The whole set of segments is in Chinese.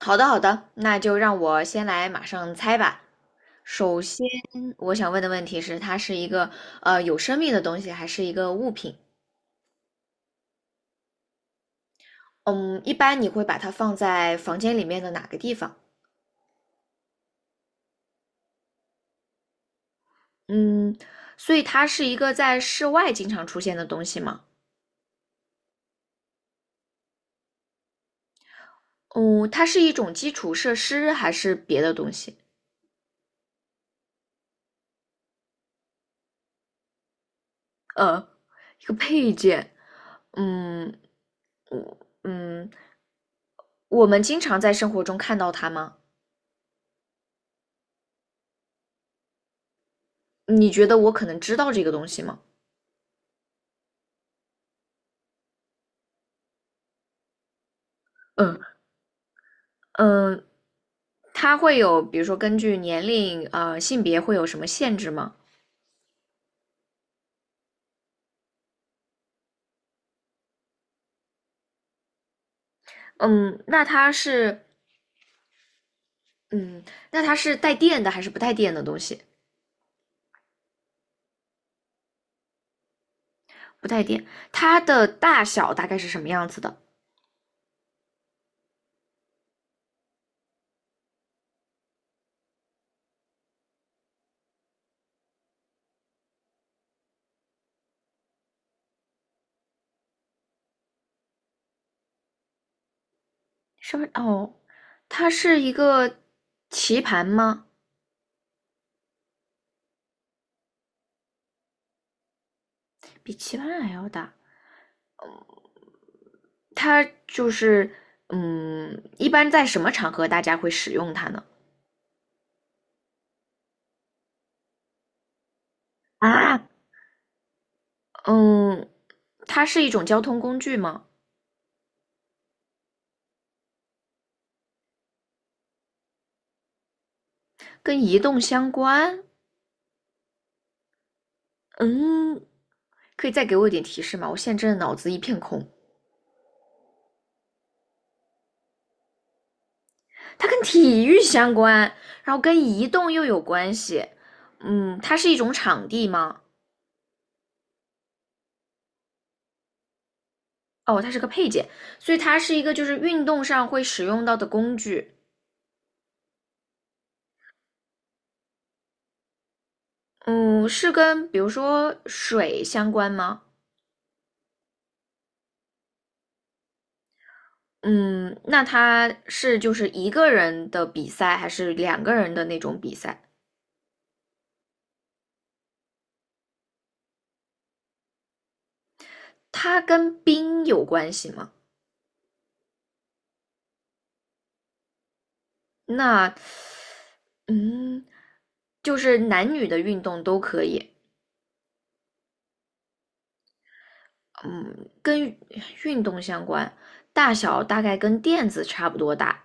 好的，好的，那就让我先来马上猜吧。首先，我想问的问题是，它是一个有生命的东西，还是一个物品？嗯，一般你会把它放在房间里面的哪个地方？嗯，所以它是一个在室外经常出现的东西吗？嗯，它是一种基础设施还是别的东西？呃，一个配件。嗯，我嗯，我们经常在生活中看到它吗？你觉得我可能知道这个东西吗？嗯。嗯，它会有，比如说根据年龄、性别会有什么限制吗？嗯，那它是，嗯，那它是带电的还是不带电的东西？不带电，它的大小大概是什么样子的？稍微哦，它是一个棋盘吗？比棋盘还要大。它就是，嗯，一般在什么场合大家会使用它呢？啊，嗯，它是一种交通工具吗？跟移动相关？嗯，可以再给我一点提示吗？我现在真的脑子一片空。它跟体育相关，然后跟移动又有关系。嗯，它是一种场地吗？哦，它是个配件，所以它是一个就是运动上会使用到的工具。嗯，是跟比如说水相关吗？嗯，那它是就是一个人的比赛，还是两个人的那种比赛？它跟冰有关系吗？那，嗯，就是男女的运动都可以。嗯，跟运动相关，大小大概跟垫子差不多大，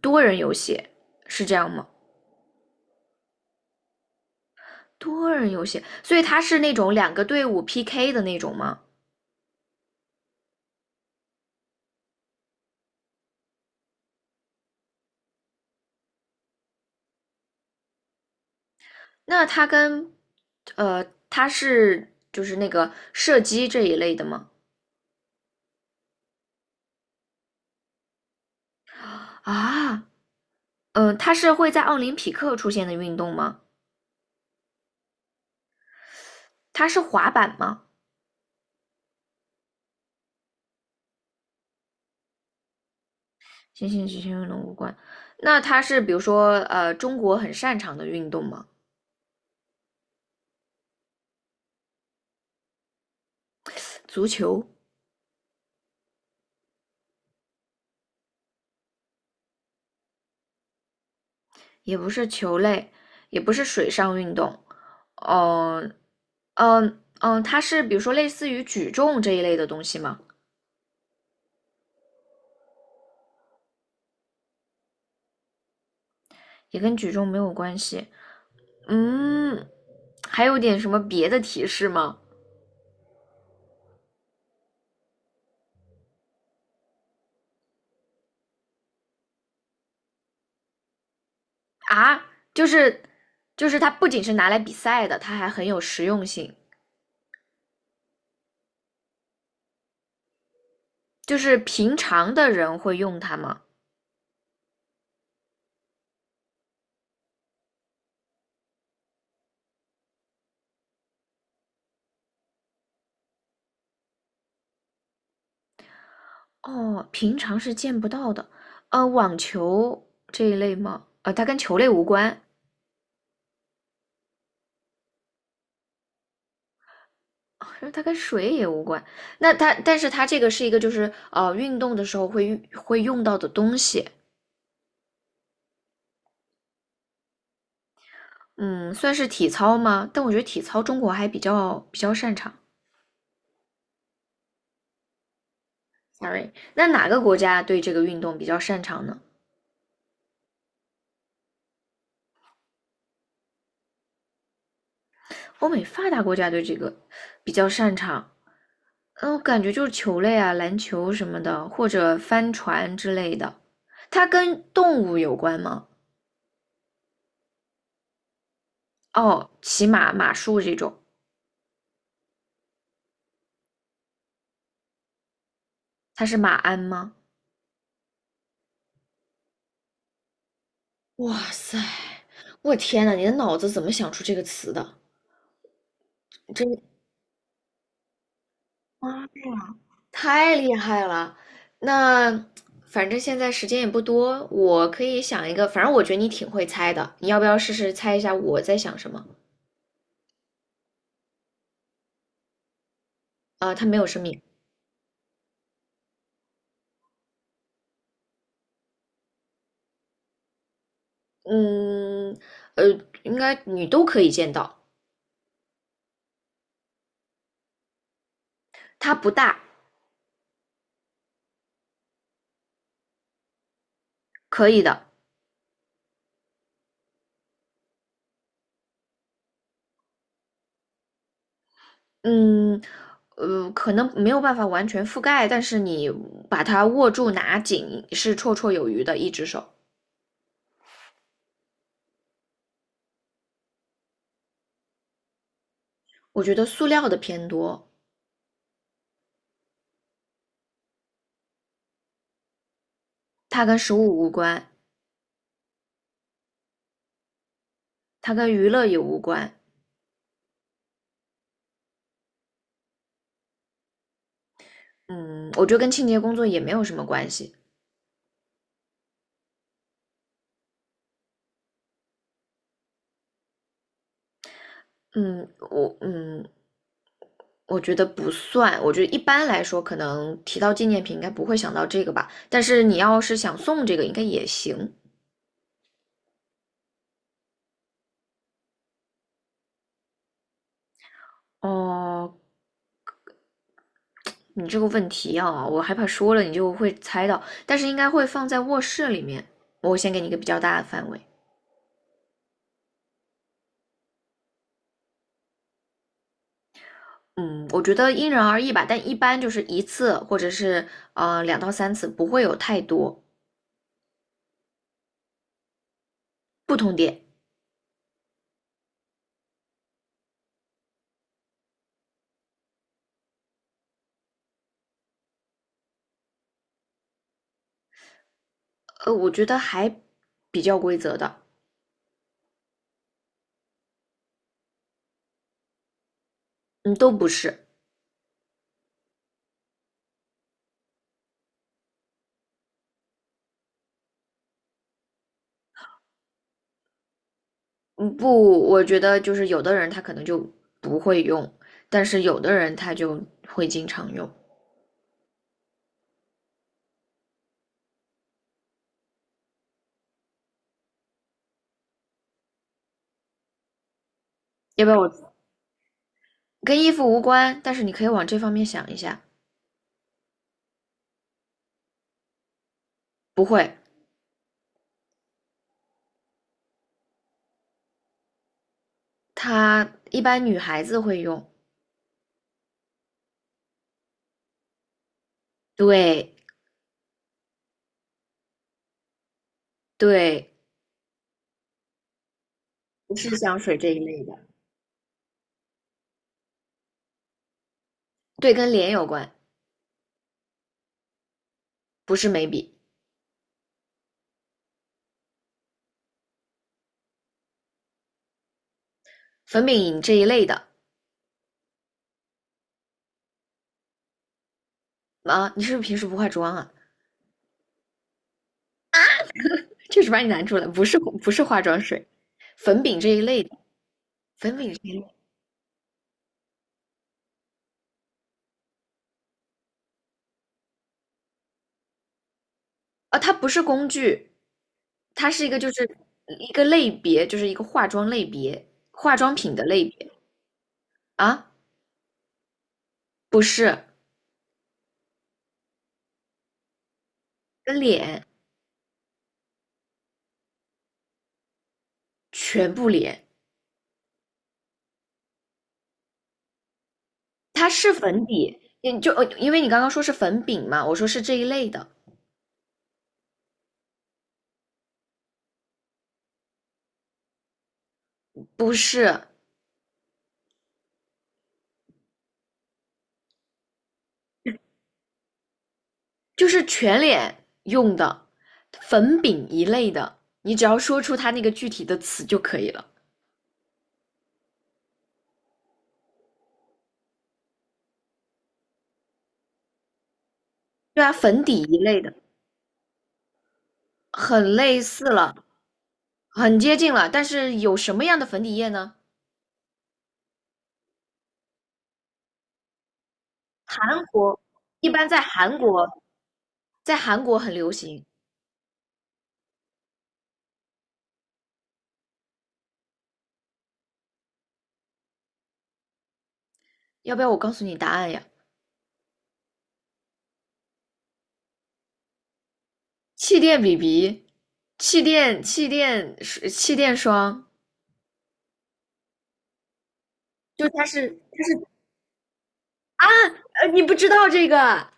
多人游戏是这样吗？多人游戏，所以它是那种两个队伍 PK 的那种吗？那它跟它是就是那个射击这一类的吗？啊，它是会在奥林匹克出现的运动吗？它是滑板吗？行行行行，运动无关。那它是比如说中国很擅长的运动吗？足球也不是球类，也不是水上运动，嗯它是比如说类似于举重这一类的东西吗？也跟举重没有关系。嗯，还有点什么别的提示吗？啊，就是就是它不仅是拿来比赛的，它还很有实用性。就是平常的人会用它吗？哦，平常是见不到的。呃，网球这一类吗？呃，它跟球类无关。可是它跟水也无关。那它，但是它这个是一个就是运动的时候会用到的东西，嗯，算是体操吗？但我觉得体操中国还比较擅长。Sorry，那哪个国家对这个运动比较擅长呢？欧美发达国家对这个比较擅长。嗯，我感觉就是球类啊，篮球什么的，或者帆船之类的。它跟动物有关吗？哦，骑马、马术这种，它是马鞍吗？哇塞，我天呐，你的脑子怎么想出这个词的？真妈呀，太厉害了！那反正现在时间也不多，我可以想一个，反正我觉得你挺会猜的，你要不要试试猜一下我在想什么？啊、它没有生命，嗯，呃，应该你都可以见到，它不大，可以的，嗯，可能没有办法完全覆盖，但是你把它握住拿紧是绰绰有余的，一只手。我觉得塑料的偏多，它跟食物无关，它跟娱乐也无关。嗯，我觉得跟清洁工作也没有什么关系。嗯，我嗯，我觉得不算。我觉得一般来说，可能提到纪念品应该不会想到这个吧。但是你要是想送这个，应该也行。哦，你这个问题啊，我害怕说了你就会猜到，但是应该会放在卧室里面。我先给你一个比较大的范围。嗯，我觉得因人而异吧，但一般就是一次或者是两到三次，不会有太多不同点。呃，我觉得还比较规则的，嗯，都不是，嗯，不，我觉得就是有的人他可能就不会用，但是有的人他就会经常用。要不然我跟衣服无关，但是你可以往这方面想一下，不会，他一般女孩子会用，对对，不是香水这一类的，对，跟脸有关，不是眉笔。粉饼这一类的啊，你是不是平时不化妆啊？这是把你难住了，不是化妆水，粉饼这一类的，粉饼这一类啊，它不是工具，它是一个就是一个类别，就是一个化妆类别，化妆品的类别啊，不是跟脸全部脸，它是粉底，你就因为你刚刚说是粉饼嘛，我说是这一类的，不是，就是全脸用的粉饼一类的，你只要说出它那个具体的词就可以了。对啊，粉底一类的，很类似了，很接近了。但是有什么样的粉底液呢？韩国一般在韩国,在韩国很流行。要不要我告诉你答案呀？气垫 BB，气垫气垫霜，就它是，呃，你不知道这个。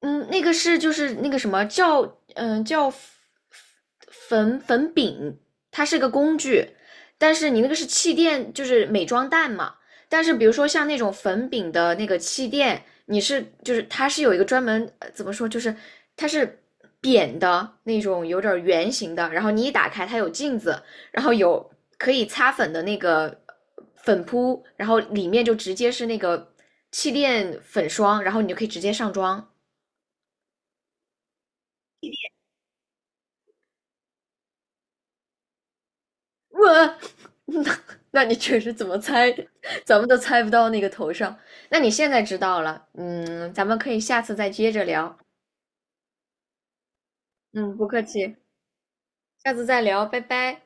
嗯，那个是就是那个什么叫叫粉饼，它是个工具，但是你那个是气垫，就是美妆蛋嘛。但是比如说像那种粉饼的那个气垫，你是就是它是有一个专门怎么说，就是它是扁的那种，有点圆形的。然后你一打开，它有镜子，然后有可以擦粉的那个粉扑，然后里面就直接是那个气垫粉霜，然后你就可以直接上妆。我，那那你确实怎么猜，咱们都猜不到那个头上。那你现在知道了，嗯，咱们可以下次再接着聊。嗯，不客气，下次再聊，拜拜。